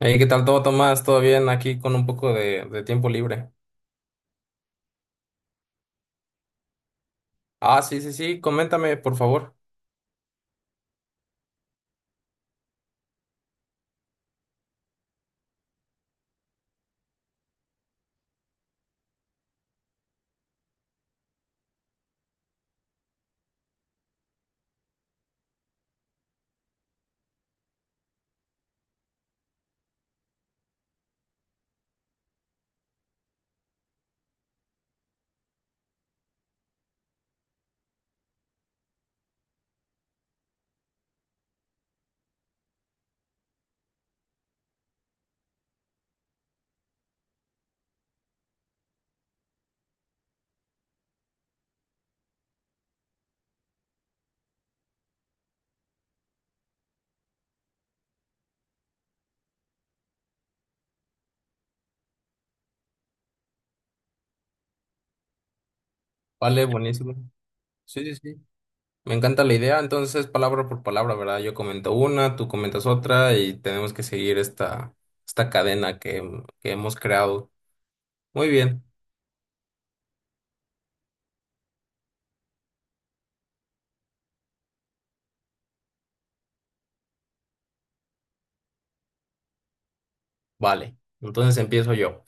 Hey, ¿qué tal todo, Tomás? ¿Todo bien? Aquí con un poco de tiempo libre. Ah, sí, sí, sí, coméntame, por favor. Vale, buenísimo. Sí, sí, sí. Me encanta la idea, entonces palabra por palabra, ¿verdad? Yo comento una, tú comentas otra y tenemos que seguir esta cadena que hemos creado. Muy bien, vale. Entonces empiezo yo.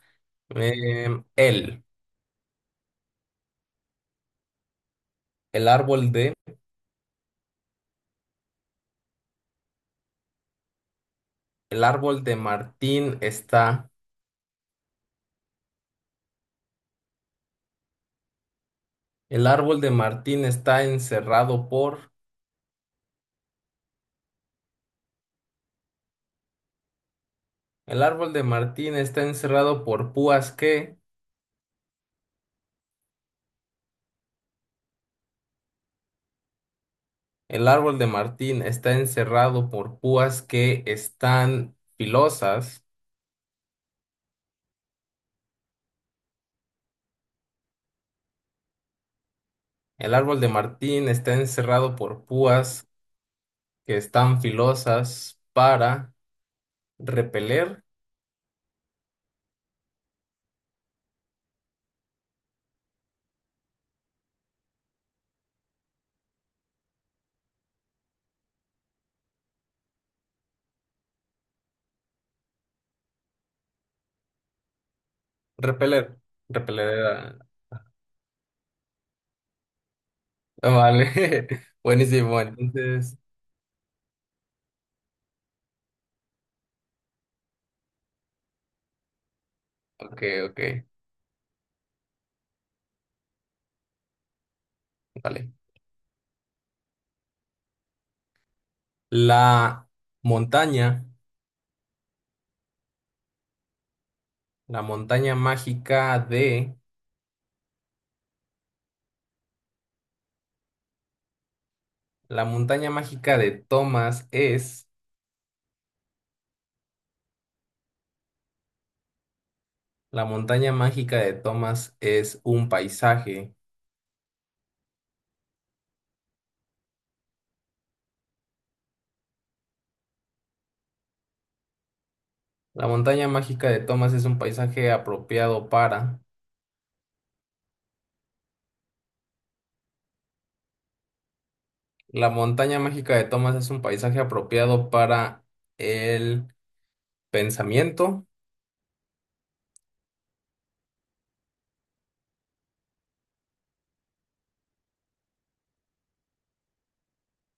El, el árbol de, el árbol de Martín está, el árbol de Martín está encerrado por... El árbol de Martín está encerrado por púas que, el árbol de Martín está encerrado por púas que están filosas, el árbol de Martín está encerrado por púas que están filosas para repeler, repeler, repeler era- ah, vale, buenísimo, entonces, ok, ok, vale. La montaña, la montaña mágica de, la montaña mágica de Thomas es... La montaña mágica de Thomas es un paisaje. La montaña mágica de Thomas es un paisaje apropiado para. La montaña mágica de Thomas es un paisaje apropiado para el pensamiento.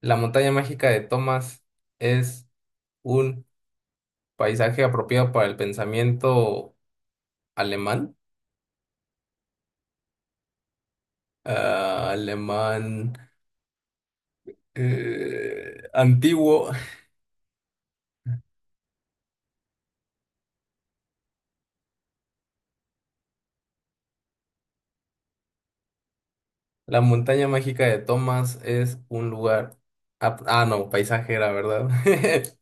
La montaña mágica de Thomas es un paisaje apropiado para el pensamiento alemán. Ah, alemán antiguo. La montaña mágica de Thomas es un lugar. Ah, ah, no, paisajera, ¿verdad?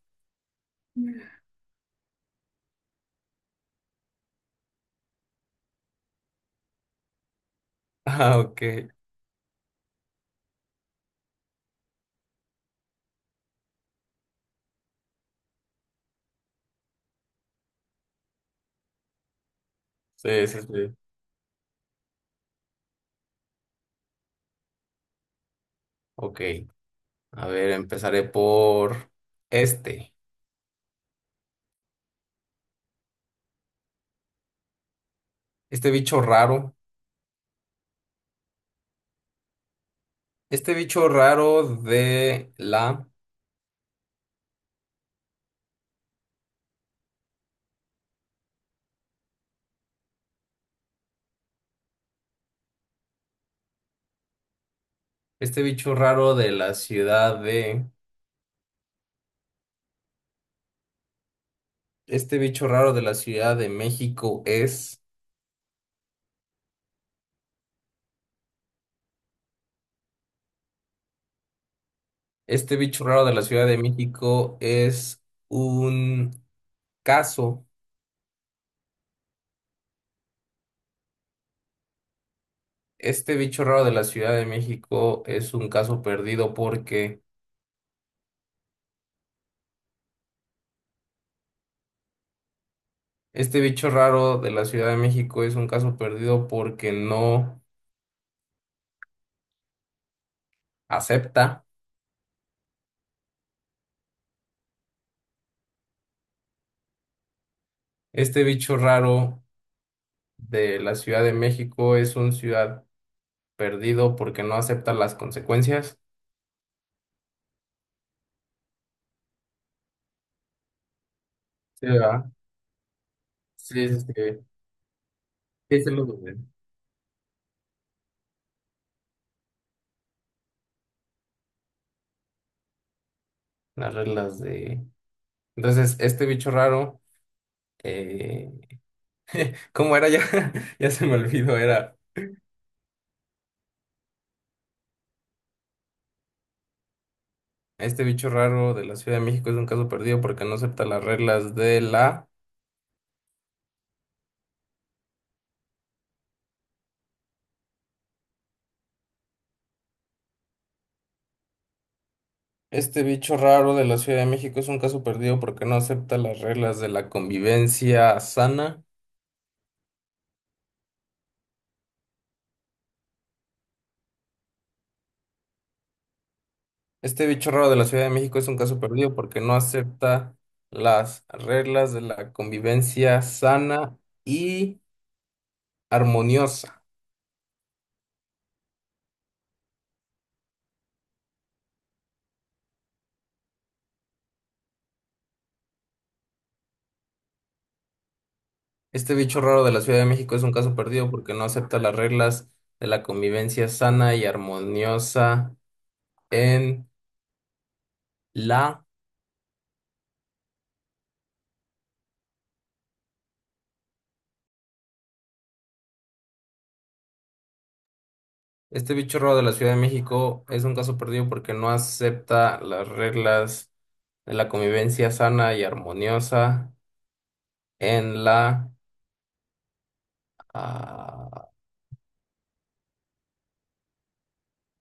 Ah, ok. Sí, sí, sí. Ok. A ver, empezaré por este. Este bicho raro. Este bicho raro de la. Este bicho raro de la ciudad de. Este bicho raro de la Ciudad de México es. Este bicho raro de la Ciudad de México es un caso. Este bicho raro de la Ciudad de México es un caso perdido porque este bicho raro de la Ciudad de México es un caso perdido porque no acepta. Este bicho raro de la Ciudad de México es un ciudad perdido porque no acepta las consecuencias. Sí, ¿verdad? Sí, sí, sí. Sí, sí, lo dudé. Las reglas de... Entonces, este bicho raro, eh, ¿cómo era ya? Ya se me olvidó, era... Este bicho raro de la Ciudad de México es un caso perdido porque no acepta las reglas de la... Este bicho raro de la Ciudad de México es un caso perdido porque no acepta las reglas de la convivencia sana. Este bicho raro de la Ciudad de México es un caso perdido porque no acepta las reglas de la convivencia sana y armoniosa. Este bicho raro de la Ciudad de México es un caso perdido porque no acepta las reglas de la convivencia sana y armoniosa en la. Este bicho raro de la Ciudad de México es un caso perdido porque no acepta las reglas de la convivencia sana y armoniosa en la... Ah,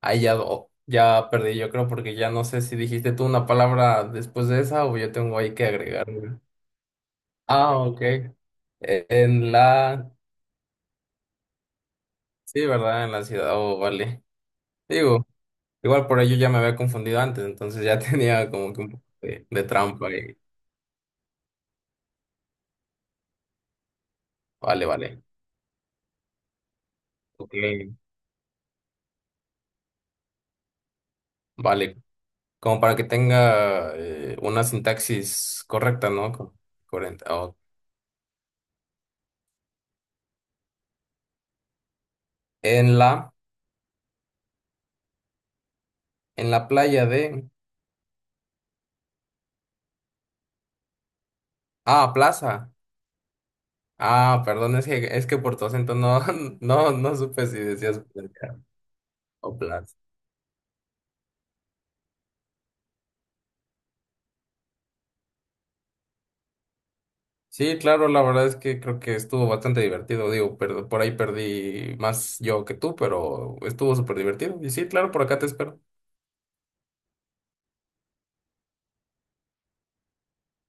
ahí ya, ya perdí, yo creo, porque ya no sé si dijiste tú una palabra después de esa o yo tengo ahí que agregar. Una. Ah, ok. En la... Sí, ¿verdad? En la ciudad, oh, vale. Digo, igual por ello ya me había confundido antes, entonces ya tenía como que un poco de trampa ahí. Vale, vale. Ok. Vale. Como para que tenga una sintaxis correcta, ¿no? Correcta, o- en la, en la playa de... Ah, plaza. Ah, perdón, es que por tu acento no, no, no supe si decías playa o plaza. Sí, claro, la verdad es que creo que estuvo bastante divertido, digo, pero por ahí perdí más yo que tú, pero estuvo súper divertido. Y sí, claro, por acá te espero.